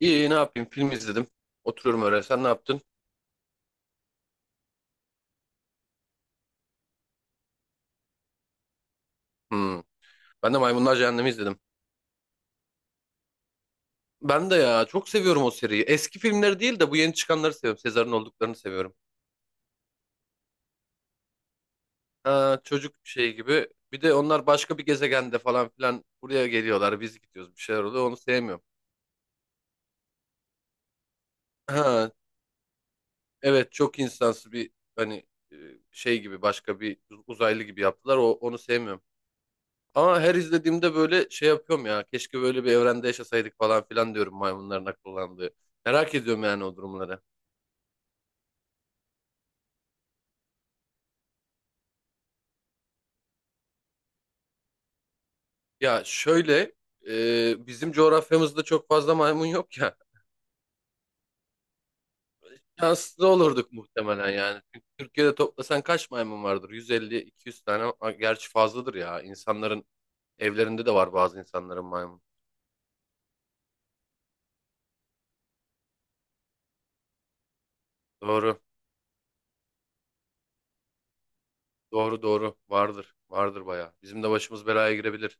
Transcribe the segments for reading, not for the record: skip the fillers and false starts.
İyi ne yapayım film izledim. Oturuyorum öyle. Sen ne yaptın? Hmm. Ben de Maymunlar Cehennemi izledim. Ben de ya çok seviyorum o seriyi. Eski filmleri değil de bu yeni çıkanları seviyorum. Sezar'ın olduklarını seviyorum. Ha, çocuk şey gibi. Bir de onlar başka bir gezegende falan filan buraya geliyorlar. Biz gidiyoruz bir şeyler oluyor. Onu sevmiyorum. Ha, evet çok insansı bir hani e, şey gibi başka bir uzaylı gibi yaptılar. Onu sevmiyorum. Ama her izlediğimde böyle şey yapıyorum ya. Keşke böyle bir evrende yaşasaydık falan filan diyorum maymunların akıllandığı. Merak ediyorum yani o durumları. Ya şöyle bizim coğrafyamızda çok fazla maymun yok ya. Şanslı olurduk muhtemelen yani. Çünkü Türkiye'de toplasan kaç maymun vardır? 150-200 tane. A, gerçi fazladır ya. İnsanların evlerinde de var bazı insanların maymun. Doğru. Doğru doğru. Vardır. Vardır bayağı. Bizim de başımız belaya girebilir.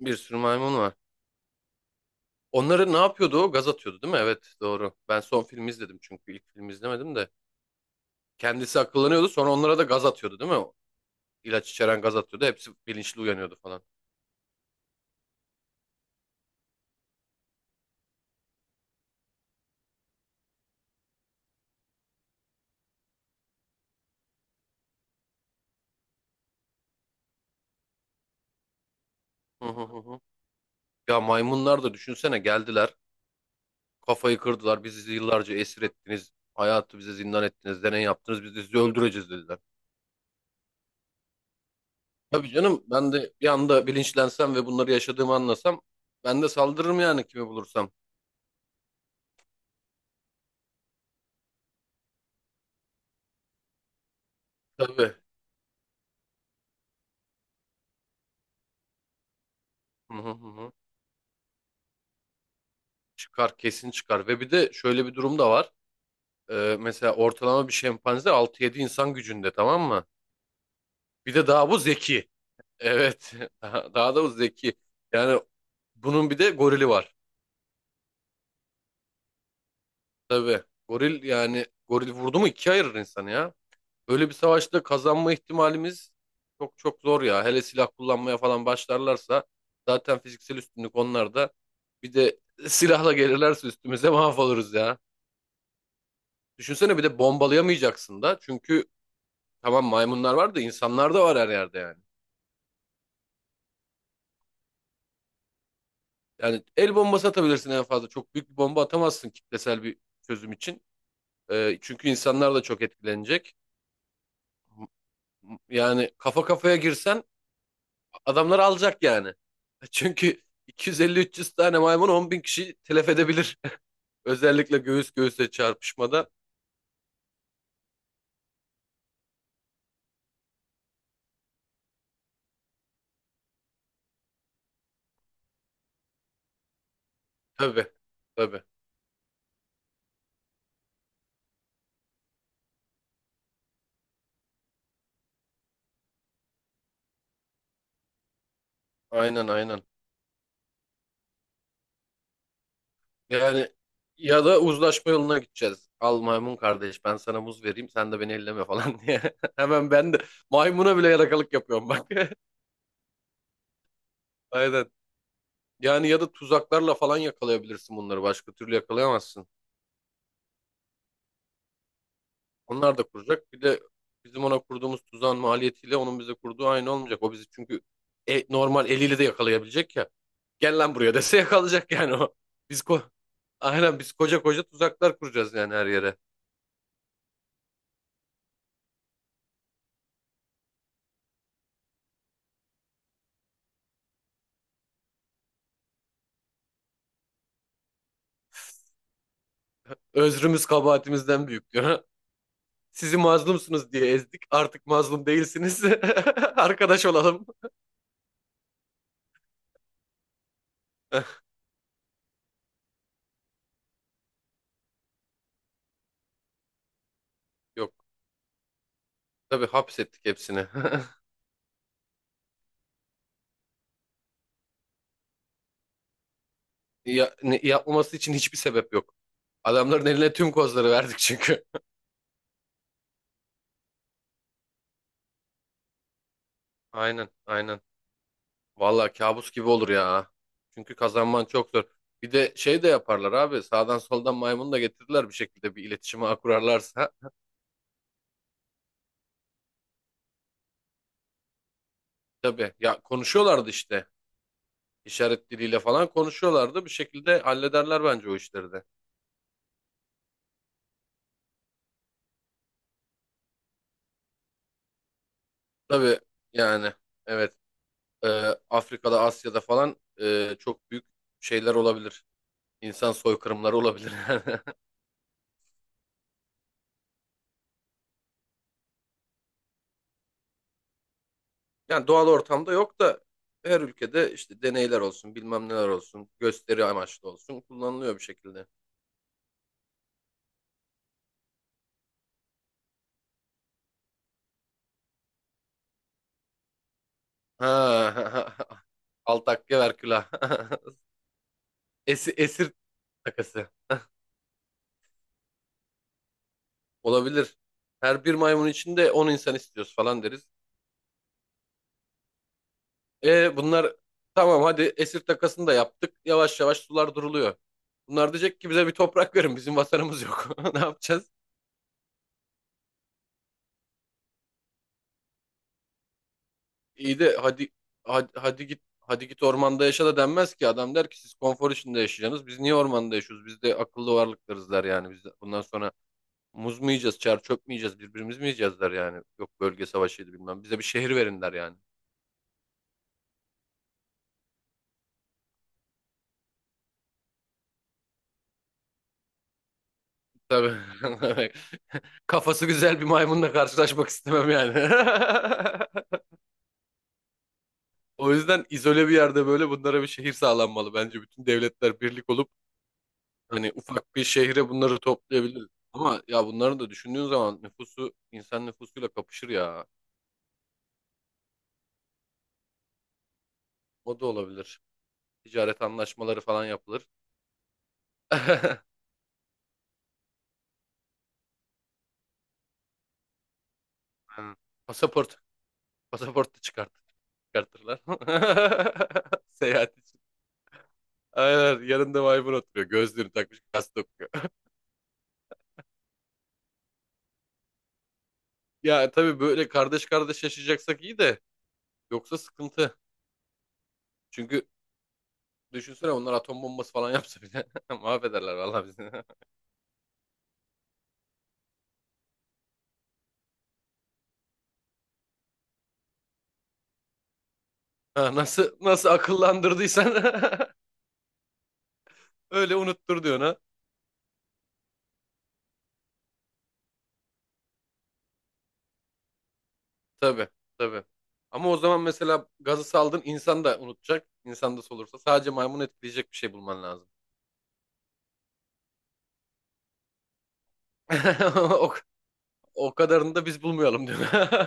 Bir sürü maymun var. Onları ne yapıyordu o? Gaz atıyordu değil mi? Evet doğru. Ben son filmi izledim çünkü ilk filmi izlemedim de. Kendisi akıllanıyordu sonra onlara da gaz atıyordu değil mi? O İlaç içeren gaz atıyordu. Hepsi bilinçli uyanıyordu falan. Hı hı hı. Hı. Ya maymunlar da düşünsene geldiler. Kafayı kırdılar. Bizi yıllarca esir ettiniz. Hayatı bize zindan ettiniz. Deney yaptınız. Biz de sizi öldüreceğiz dediler. Tabii canım ben de bir anda bilinçlensem ve bunları yaşadığımı anlasam ben de saldırırım yani kimi bulursam. Tabii. Hı hı hı. Hı. Çıkar kesin çıkar. Ve bir de şöyle bir durum da var. Mesela ortalama bir şempanze 6-7 insan gücünde, tamam mı? Bir de daha bu zeki. Evet. Daha da bu zeki. Yani bunun bir de gorili var. Tabii. Goril yani goril vurdu mu ikiye ayırır insanı ya. Böyle bir savaşta kazanma ihtimalimiz çok çok zor ya. Hele silah kullanmaya falan başlarlarsa zaten fiziksel üstünlük onlarda. Bir de silahla gelirlerse üstümüze mahvoluruz ya. Düşünsene bir de bombalayamayacaksın da. Çünkü tamam maymunlar var da insanlar da var her yerde yani. Yani el bombası atabilirsin en fazla. Çok büyük bir bomba atamazsın kitlesel bir çözüm için. Çünkü insanlar da çok etkilenecek. Yani kafa kafaya girsen adamlar alacak yani. Çünkü 250-300 tane maymun 10 bin kişiyi telef edebilir. Özellikle göğüs göğüse çarpışmada. Tabii. Tabii. Aynen aynen. Yani ya da uzlaşma yoluna gideceğiz. Al maymun kardeş ben sana muz vereyim sen de beni elleme falan diye. Hemen ben de maymuna bile yalakalık yapıyorum bak. Aynen. Yani ya da tuzaklarla falan yakalayabilirsin bunları. Başka türlü yakalayamazsın. Onlar da kuracak. Bir de bizim ona kurduğumuz tuzağın maliyetiyle onun bize kurduğu aynı olmayacak. O bizi çünkü normal eliyle de yakalayabilecek ya. Gel lan buraya dese yakalayacak yani o. Biz ko Aynen biz koca koca tuzaklar kuracağız yani her yere. Özrümüz kabahatimizden büyük diyor. Sizi mazlumsunuz diye ezdik. Artık mazlum değilsiniz. Arkadaş olalım. Yok. Tabii hapsettik hepsini. Ya, yapmaması için hiçbir sebep yok. Adamların eline tüm kozları verdik çünkü. Aynen, aynen. Vallahi kabus gibi olur ya. Çünkü kazanman çok zor. Bir de şey de yaparlar abi. Sağdan soldan maymunu da getirdiler bir şekilde bir iletişime ağı kurarlarsa. Tabii ya konuşuyorlardı işte. İşaret diliyle falan konuşuyorlardı. Bir şekilde hallederler bence o işleri de. Tabii yani evet. Ee, Afrika'da, Asya'da falan çok büyük şeyler olabilir. İnsan soykırımları olabilir. Yani doğal ortamda yok da her ülkede işte deneyler olsun, bilmem neler olsun, gösteri amaçlı olsun kullanılıyor bir şekilde. Ha, altakya verkülah. Esir, esir takası. Olabilir. Her bir maymun içinde 10 insan istiyoruz falan deriz. E bunlar tamam hadi esir takasını da yaptık. Yavaş yavaş sular duruluyor. Bunlar diyecek ki bize bir toprak verin. Bizim vatanımız yok. Ne yapacağız? İyi de hadi, hadi hadi git hadi git ormanda yaşa da denmez ki. Adam der ki siz konfor içinde yaşayacaksınız. Biz niye ormanda yaşıyoruz? Biz de akıllı varlıklarız der yani. Biz de bundan sonra muz mu yiyeceğiz, çer çöp mü yiyeceğiz, birbirimiz mi yiyeceğiz der yani. Yok bölge savaşıydı bilmem. Bize bir şehir verin der yani. Tabii. Kafası güzel bir maymunla karşılaşmak istemem yani. O yüzden izole bir yerde böyle bunlara bir şehir sağlanmalı. Bence bütün devletler birlik olup hani ufak bir şehre bunları toplayabiliriz. Ama ya bunları da düşündüğün zaman nüfusu insan nüfusuyla kapışır ya. O da olabilir. Ticaret anlaşmaları falan yapılır. Aynen. Pasaport. Pasaport da çıkartır, çıkartırlar. Seyahat için. Aynen. Yanında maymun oturuyor. Gözlüğünü takmış. Gazete okuyor. Ya tabii böyle kardeş kardeş yaşayacaksak iyi de. Yoksa sıkıntı. Çünkü düşünsene onlar atom bombası falan yapsa bile. Mahvederler vallahi bizi. Ha, nasıl nasıl akıllandırdıysan. Öyle unutturdu ona. Tabii, tabii. Ama o zaman mesela gazı saldın insan da unutacak. İnsan da solursa. Sadece maymun etkileyecek bir şey bulman lazım. O kadarını da biz bulmayalım diyor.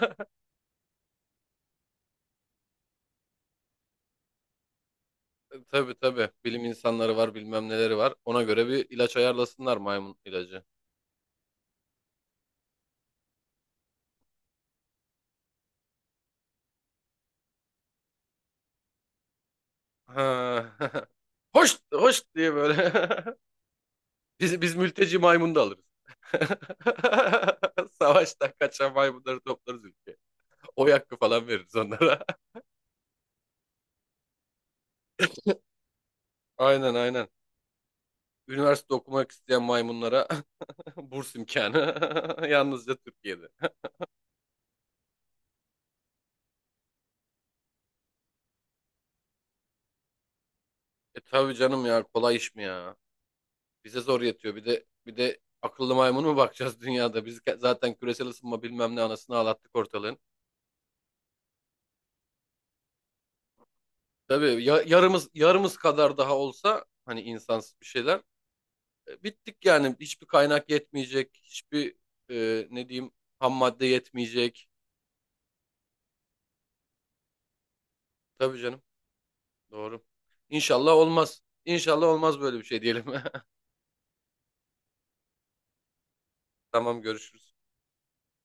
Tabii tabii. Bilim insanları var bilmem neleri var. Ona göre bir ilaç ayarlasınlar maymun ilacı. Ha. Hoş, hoş diye böyle. Biz mülteci maymunu da alırız. Savaştan kaçan maymunları toplarız ülkeye. Oy hakkı falan veririz onlara. Aynen aynen. Üniversite okumak isteyen maymunlara burs imkanı. Yalnızca Türkiye'de. E tabii canım ya kolay iş mi ya? Bize zor yetiyor. Bir de akıllı maymun mu bakacağız dünyada? Biz zaten küresel ısınma bilmem ne anasını ağlattık ortalığın. Tabii yarımız yarımız kadar daha olsa hani insansız bir şeyler bittik yani. Hiçbir kaynak yetmeyecek. Hiçbir ne diyeyim ham madde yetmeyecek. Tabii canım. Doğru. İnşallah olmaz. İnşallah olmaz böyle bir şey diyelim. Tamam görüşürüz.